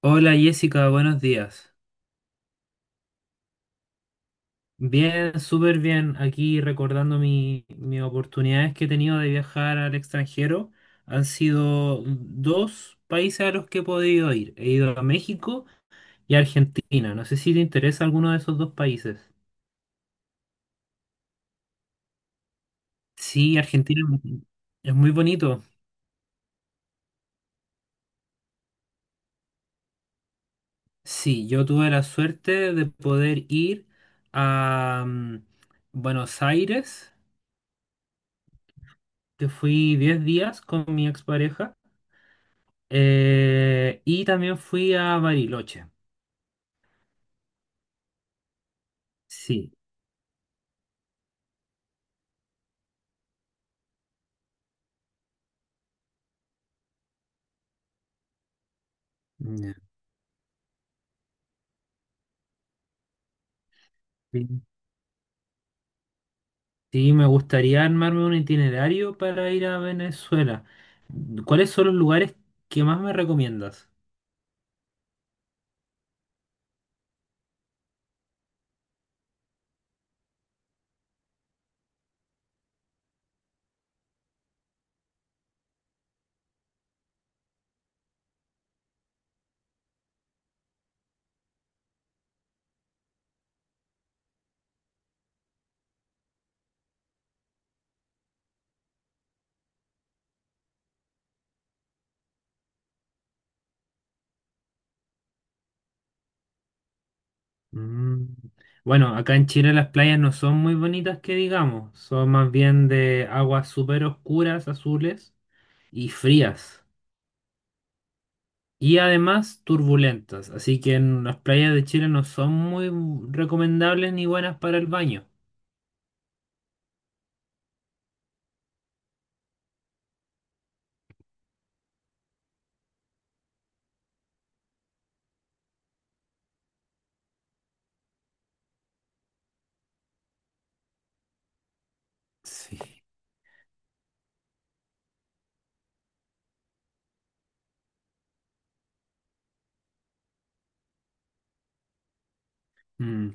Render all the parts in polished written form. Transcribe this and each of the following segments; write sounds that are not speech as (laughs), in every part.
Hola Jessica, buenos días. Bien, súper bien. Aquí recordando mis oportunidades que he tenido de viajar al extranjero. Han sido dos países a los que he podido ir. He ido a México y a Argentina. No sé si te interesa alguno de esos dos países. Sí, Argentina es muy bonito. Sí, yo tuve la suerte de poder ir a Buenos Aires, que fui 10 días con mi expareja. Y también fui a Bariloche. Sí. Ya. Sí, sí, me gustaría armarme un itinerario para ir a Venezuela. ¿Cuáles son los lugares que más me recomiendas? Mm. Bueno, acá en Chile las playas no son muy bonitas que digamos, son más bien de aguas súper oscuras, azules y frías. Y además turbulentas, así que en las playas de Chile no son muy recomendables ni buenas para el baño. Sí. Mm.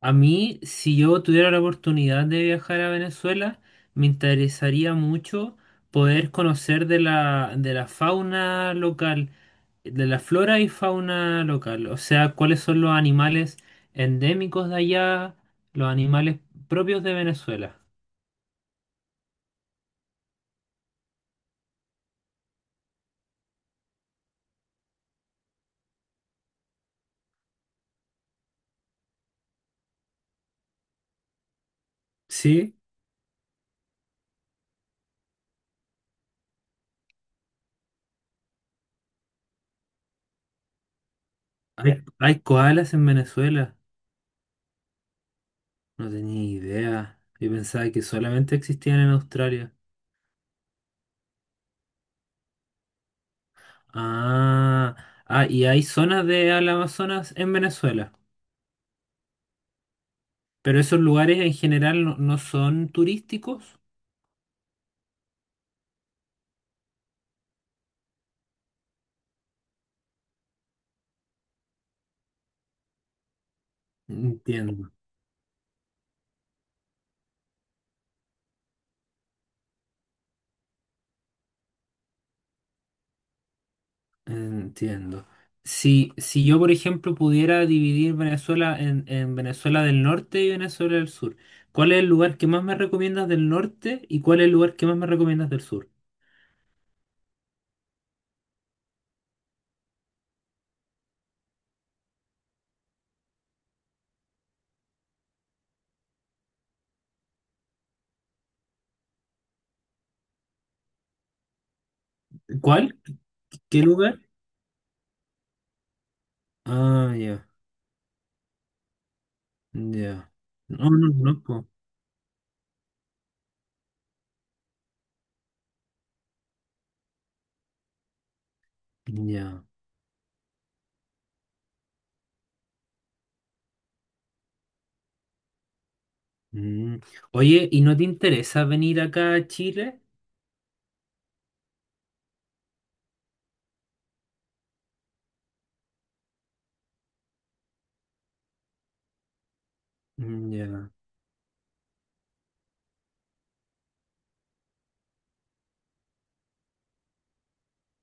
A mí, si yo tuviera la oportunidad de viajar a Venezuela, me interesaría mucho poder conocer de la fauna local, de la flora y fauna local, o sea, cuáles son los animales endémicos de allá, los animales propios de Venezuela. Sí, hay koalas en Venezuela. No tenía idea. Yo pensaba que solamente existían en Australia. Ah, ah, y hay zonas de al Amazonas en Venezuela. Pero esos lugares en general no, no son turísticos. Entiendo, entiendo. Si, si yo, por ejemplo, pudiera dividir Venezuela en Venezuela del Norte y Venezuela del Sur, ¿cuál es el lugar que más me recomiendas del norte y cuál es el lugar que más me recomiendas del sur? ¿Cuál? ¿Qué lugar? Ah, ya, ya. No, no, no, po. Ya. Mm. Oye, ¿y no te interesa venir acá a Chile? Mm. Ya.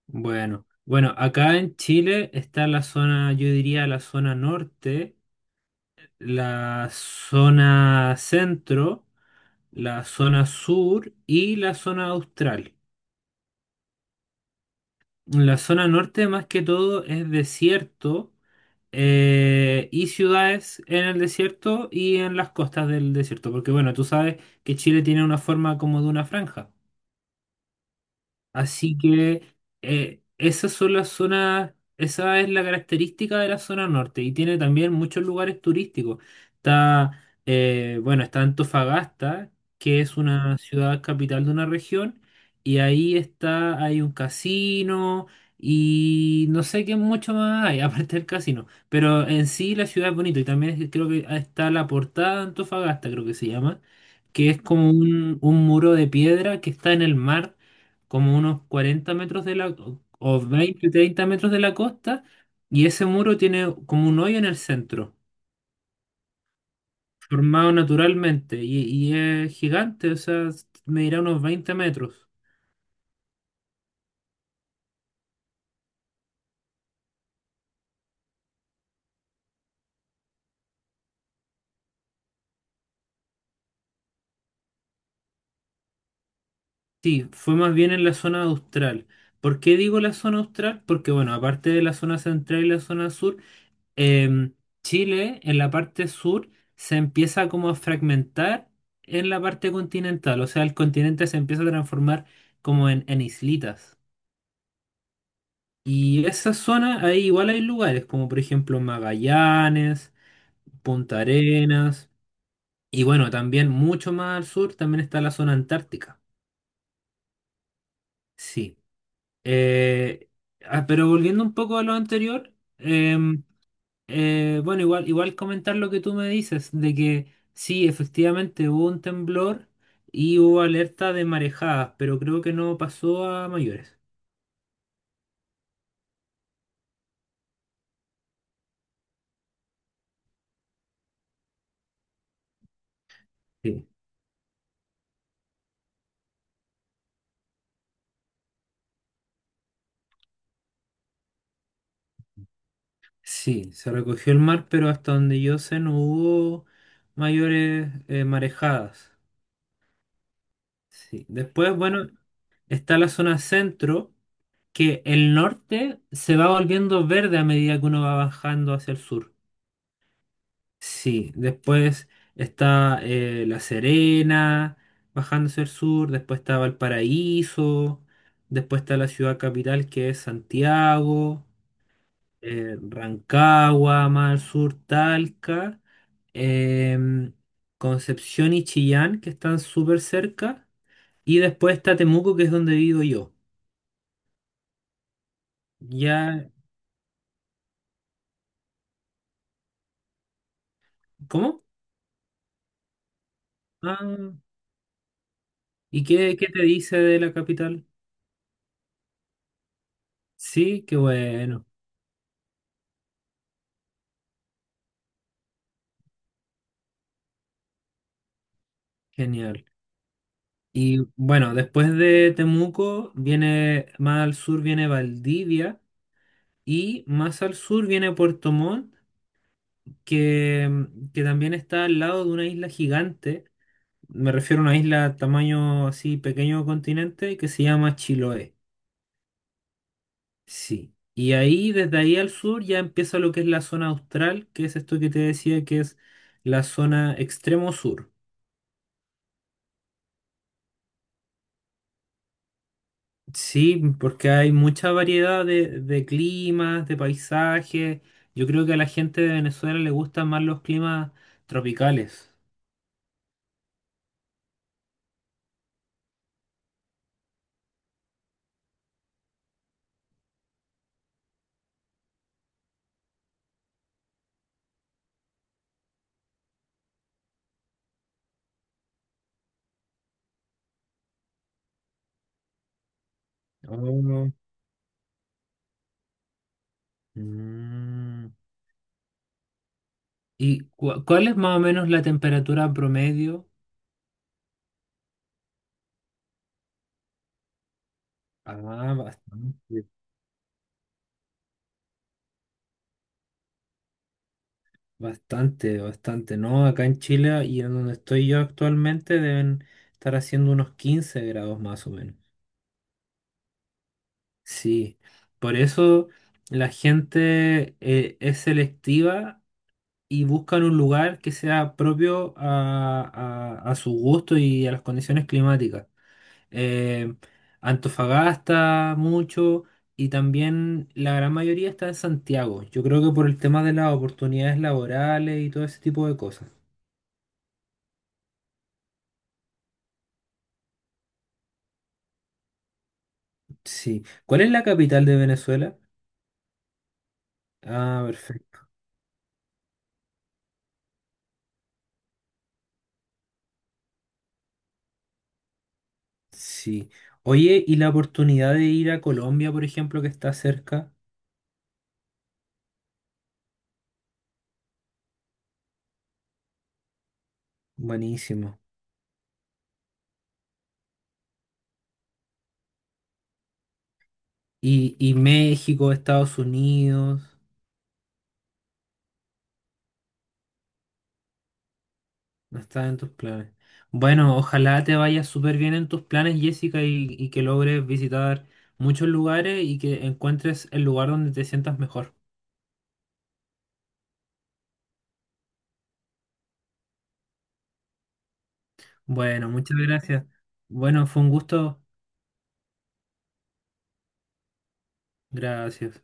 Bueno, bueno, acá en Chile está la zona, yo diría la zona norte, la zona centro, la zona sur y la zona austral. La zona norte más que todo es desierto y ciudades en el desierto y en las costas del desierto, porque bueno, tú sabes que Chile tiene una forma como de una franja. Así que esas son las zonas, esa es la característica de la zona norte y tiene también muchos lugares turísticos. Está, bueno, está Antofagasta, que es una ciudad capital de una región, y ahí está, hay un casino y no sé qué mucho más hay, (laughs) aparte del casino. Pero en sí la ciudad es bonita y también creo que está la portada de Antofagasta, creo que se llama, que es como un muro de piedra que está en el mar como unos 40 metros de la, o 20 30 metros de la costa, y ese muro tiene como un hoyo en el centro, formado naturalmente, y es gigante, o sea, medirá unos 20 metros. Sí, fue más bien en la zona austral. ¿Por qué digo la zona austral? Porque, bueno, aparte de la zona central y la zona sur, em, Chile en la parte sur se empieza como a fragmentar en la parte continental, o sea, el continente se empieza a transformar como en islitas. Y esa zona, ahí igual hay lugares, como por ejemplo Magallanes, Punta Arenas, y bueno, también mucho más al sur también está la zona antártica. Sí. Eh, pero volviendo un poco a lo anterior, em, bueno, igual, igual comentar lo que tú me dices, de que sí, efectivamente hubo un temblor y hubo alerta de marejadas, pero creo que no pasó a mayores. Sí. Sí, se recogió el mar, pero hasta donde yo sé no hubo mayores marejadas. Sí. Después, bueno, está la zona centro, que el norte se va volviendo verde a medida que uno va bajando hacia el sur. Sí, después está La Serena, bajando hacia el sur, después está Valparaíso, después está la ciudad capital que es Santiago. Rancagua, más al sur, Talca, em, Concepción y Chillán, que están súper cerca, y después está Temuco, que es donde vivo yo. Ya, ¿cómo? Ah, ¿y qué, te dice de la capital? Sí, qué bueno, genial. Y bueno, después de Temuco viene, más al sur viene Valdivia y más al sur viene Puerto Montt, que, que también está al lado de una isla gigante. Me refiero a una isla tamaño así pequeño continente que se llama Chiloé. Sí. Y ahí, desde ahí al sur, ya empieza lo que es la zona austral, que es esto que te decía que es la zona extremo sur. Sí, porque hay mucha variedad de climas, de paisajes. Yo creo que a la gente de Venezuela le gustan más los climas tropicales. Oh. Mm. ¿Y cuál es más o menos la temperatura promedio? Ah, bastante. Bastante, bastante, ¿no? Acá en Chile y en donde estoy yo actualmente deben estar haciendo unos 15 grados más o menos. Sí, por eso la gente es selectiva y buscan un lugar que sea propio a su gusto y a las condiciones climáticas. Eh, Antofagasta mucho y también la gran mayoría está en Santiago. Yo creo que por el tema de las oportunidades laborales y todo ese tipo de cosas. Sí. ¿Cuál es la capital de Venezuela? Ah, perfecto. Sí. Oye, ¿y la oportunidad de ir a Colombia, por ejemplo, que está cerca? Buenísimo. Y México, Estados Unidos, no está en tus planes. Bueno, ojalá te vaya súper bien en tus planes, Jessica, y que logres visitar muchos lugares y que encuentres el lugar donde te sientas mejor. Bueno, muchas gracias. Bueno, fue un gusto. Gracias.